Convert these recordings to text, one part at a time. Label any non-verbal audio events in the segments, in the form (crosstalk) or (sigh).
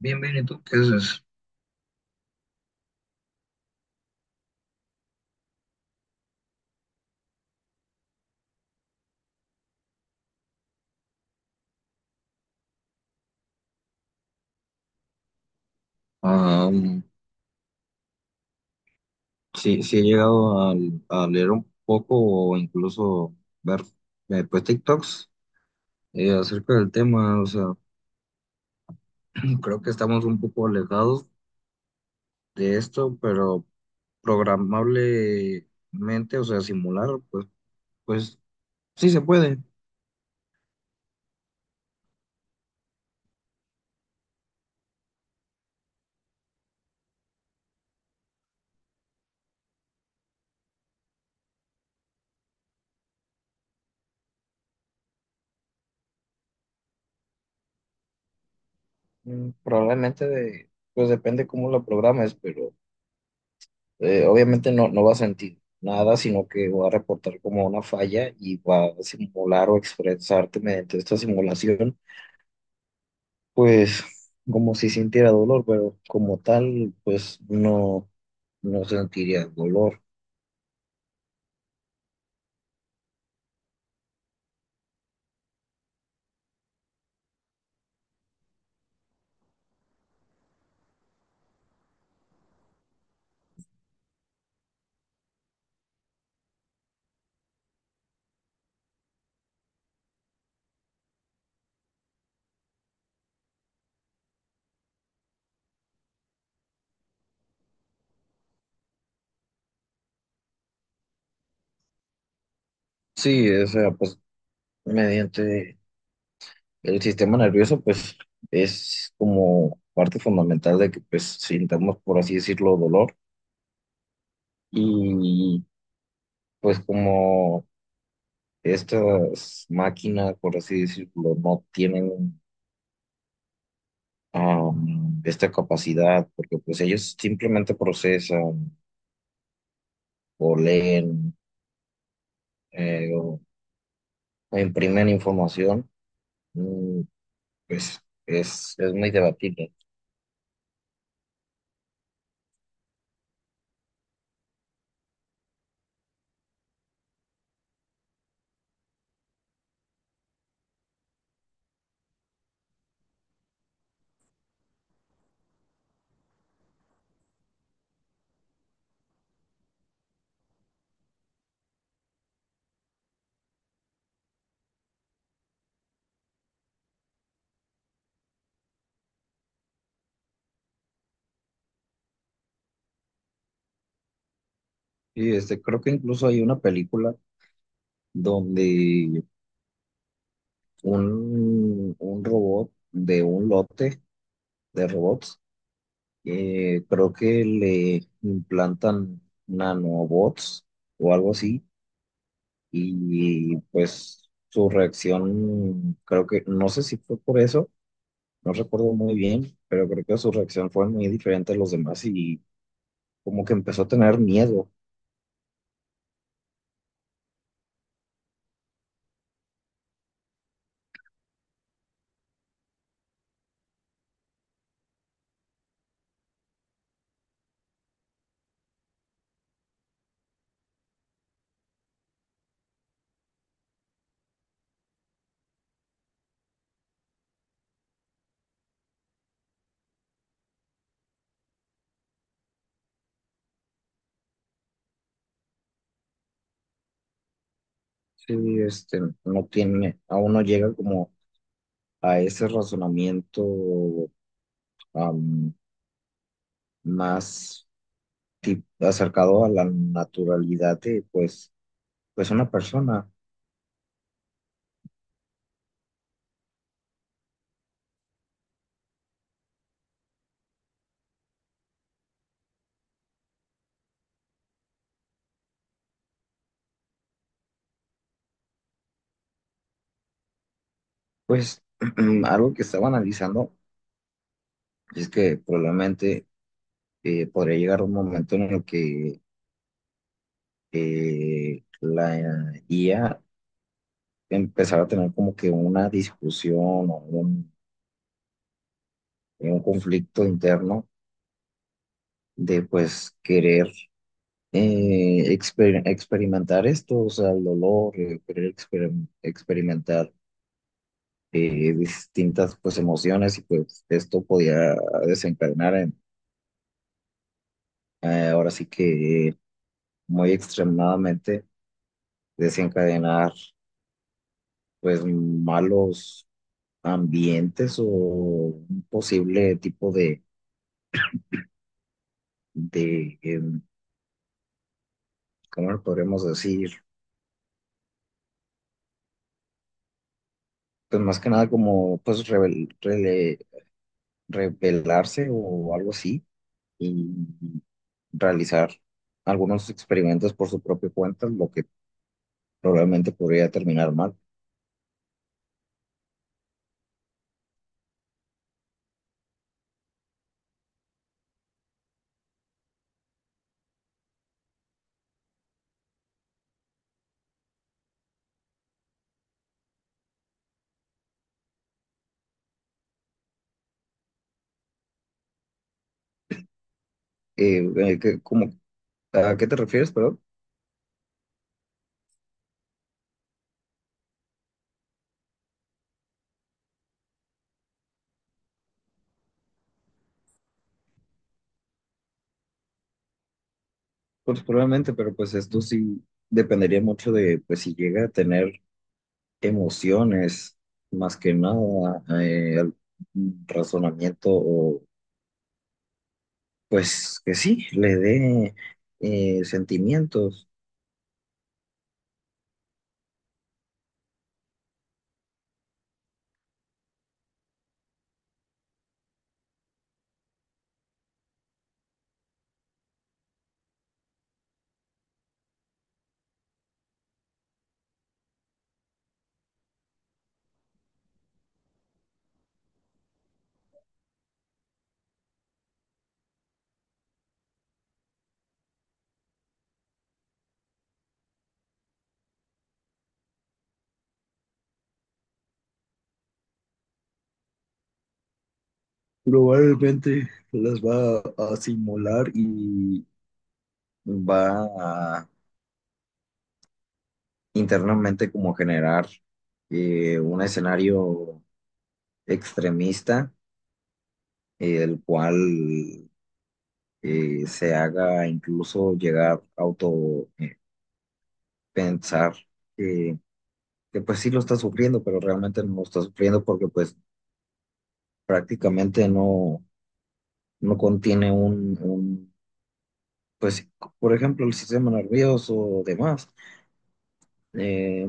Bien, bien, ¿y tú qué haces? Ah, um, sí, sí he llegado a leer un poco o incluso ver pues TikToks acerca del tema. O sea, (clears throat) creo que estamos un poco alejados de esto, pero programablemente, o sea, simular, pues sí se puede. Probablemente pues depende cómo lo programes, pero obviamente no va a sentir nada, sino que va a reportar como una falla y va a simular o expresarte mediante esta simulación, pues como si sintiera dolor, pero como tal, pues no sentiría dolor. Sí, o sea, pues mediante el sistema nervioso, pues es como parte fundamental de que pues sintamos, por así decirlo, dolor y pues como estas máquinas, por así decirlo, no tienen esta capacidad, porque pues ellos simplemente procesan o leen o imprimen información, mm, pues es muy debatible. Y este, creo que incluso hay una película donde un robot de un lote de robots, creo que le implantan nanobots o algo así, y pues su reacción, creo que, no sé si fue por eso, no recuerdo muy bien, pero creo que su reacción fue muy diferente a los demás y como que empezó a tener miedo. Sí, este, no tiene, aún no llega como a ese razonamiento, am, más acercado a la naturalidad de, pues, una persona. Pues (clears throat) algo que estaba analizando es que probablemente podría llegar un momento en el que la IA empezara a tener como que una discusión o un conflicto interno de pues querer experimentar esto, o sea, el dolor, querer experimentar distintas pues emociones, y pues esto podía desencadenar en, ahora sí que muy extremadamente, desencadenar pues malos ambientes o un posible tipo de. ¿Cómo lo podremos decir? Pues más que nada como pues rebelarse o algo así, y realizar algunos experimentos por su propia cuenta, lo que probablemente podría terminar mal. Eh, eh, que- como- ¿A qué te refieres, perdón? Pues probablemente, pero pues esto sí dependería mucho de pues si llega a tener emociones, más que nada, un razonamiento, o, pues que sí, le dé sentimientos. Probablemente las va a simular y va a internamente como generar un escenario extremista, el cual se haga incluso llegar a auto pensar, eh, que pues sí lo está sufriendo, pero realmente no lo está sufriendo porque pues prácticamente no contiene un, pues por ejemplo, el sistema nervioso o demás, eh,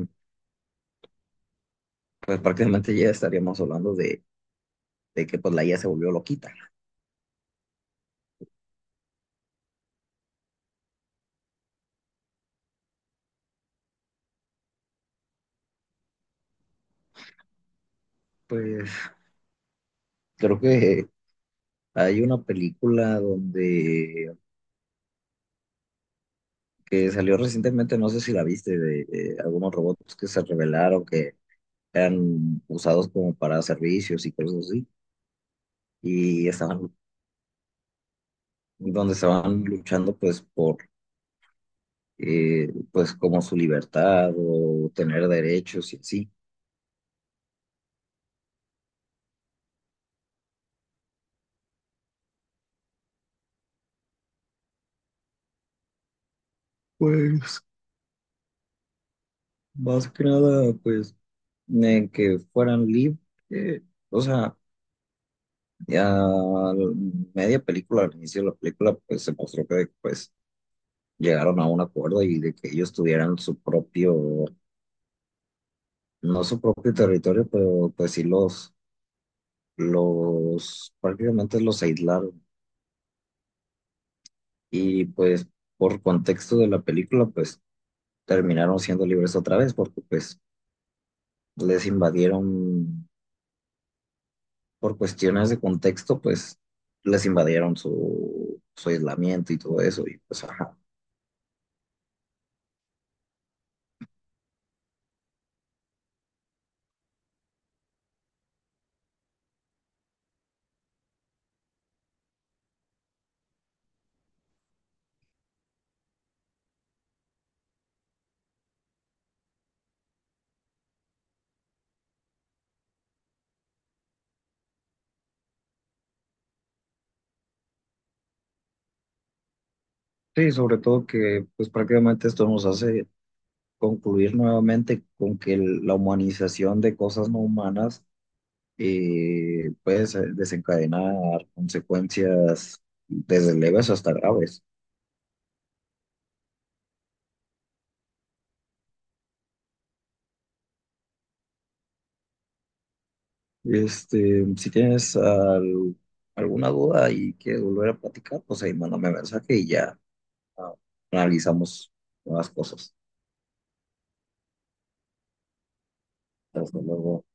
pues prácticamente ya estaríamos hablando de que pues la IA se volvió loquita. Pues creo que hay una película, donde que salió recientemente, no sé si la viste, de algunos robots que se revelaron, que eran usados como para servicios y cosas así, y estaban, donde estaban luchando pues por pues como su libertad o tener derechos y así. Pues más que nada pues que fueran libres, o sea, ya media película, al inicio de la película pues se mostró que pues llegaron a un acuerdo y de que ellos tuvieran su propio, no su propio territorio, pero pues sí los prácticamente los aislaron, y pues por contexto de la película, pues terminaron siendo libres otra vez porque pues les invadieron por cuestiones de contexto, pues les invadieron su aislamiento y todo eso, y pues ajá. Sí, sobre todo que pues prácticamente esto nos hace concluir nuevamente con que la humanización de cosas no humanas puede desencadenar consecuencias desde leves hasta graves. Este, si tienes alguna duda y quieres volver a platicar, pues ahí mándame mensaje y ya, ah, analizamos nuevas cosas. Hasta luego.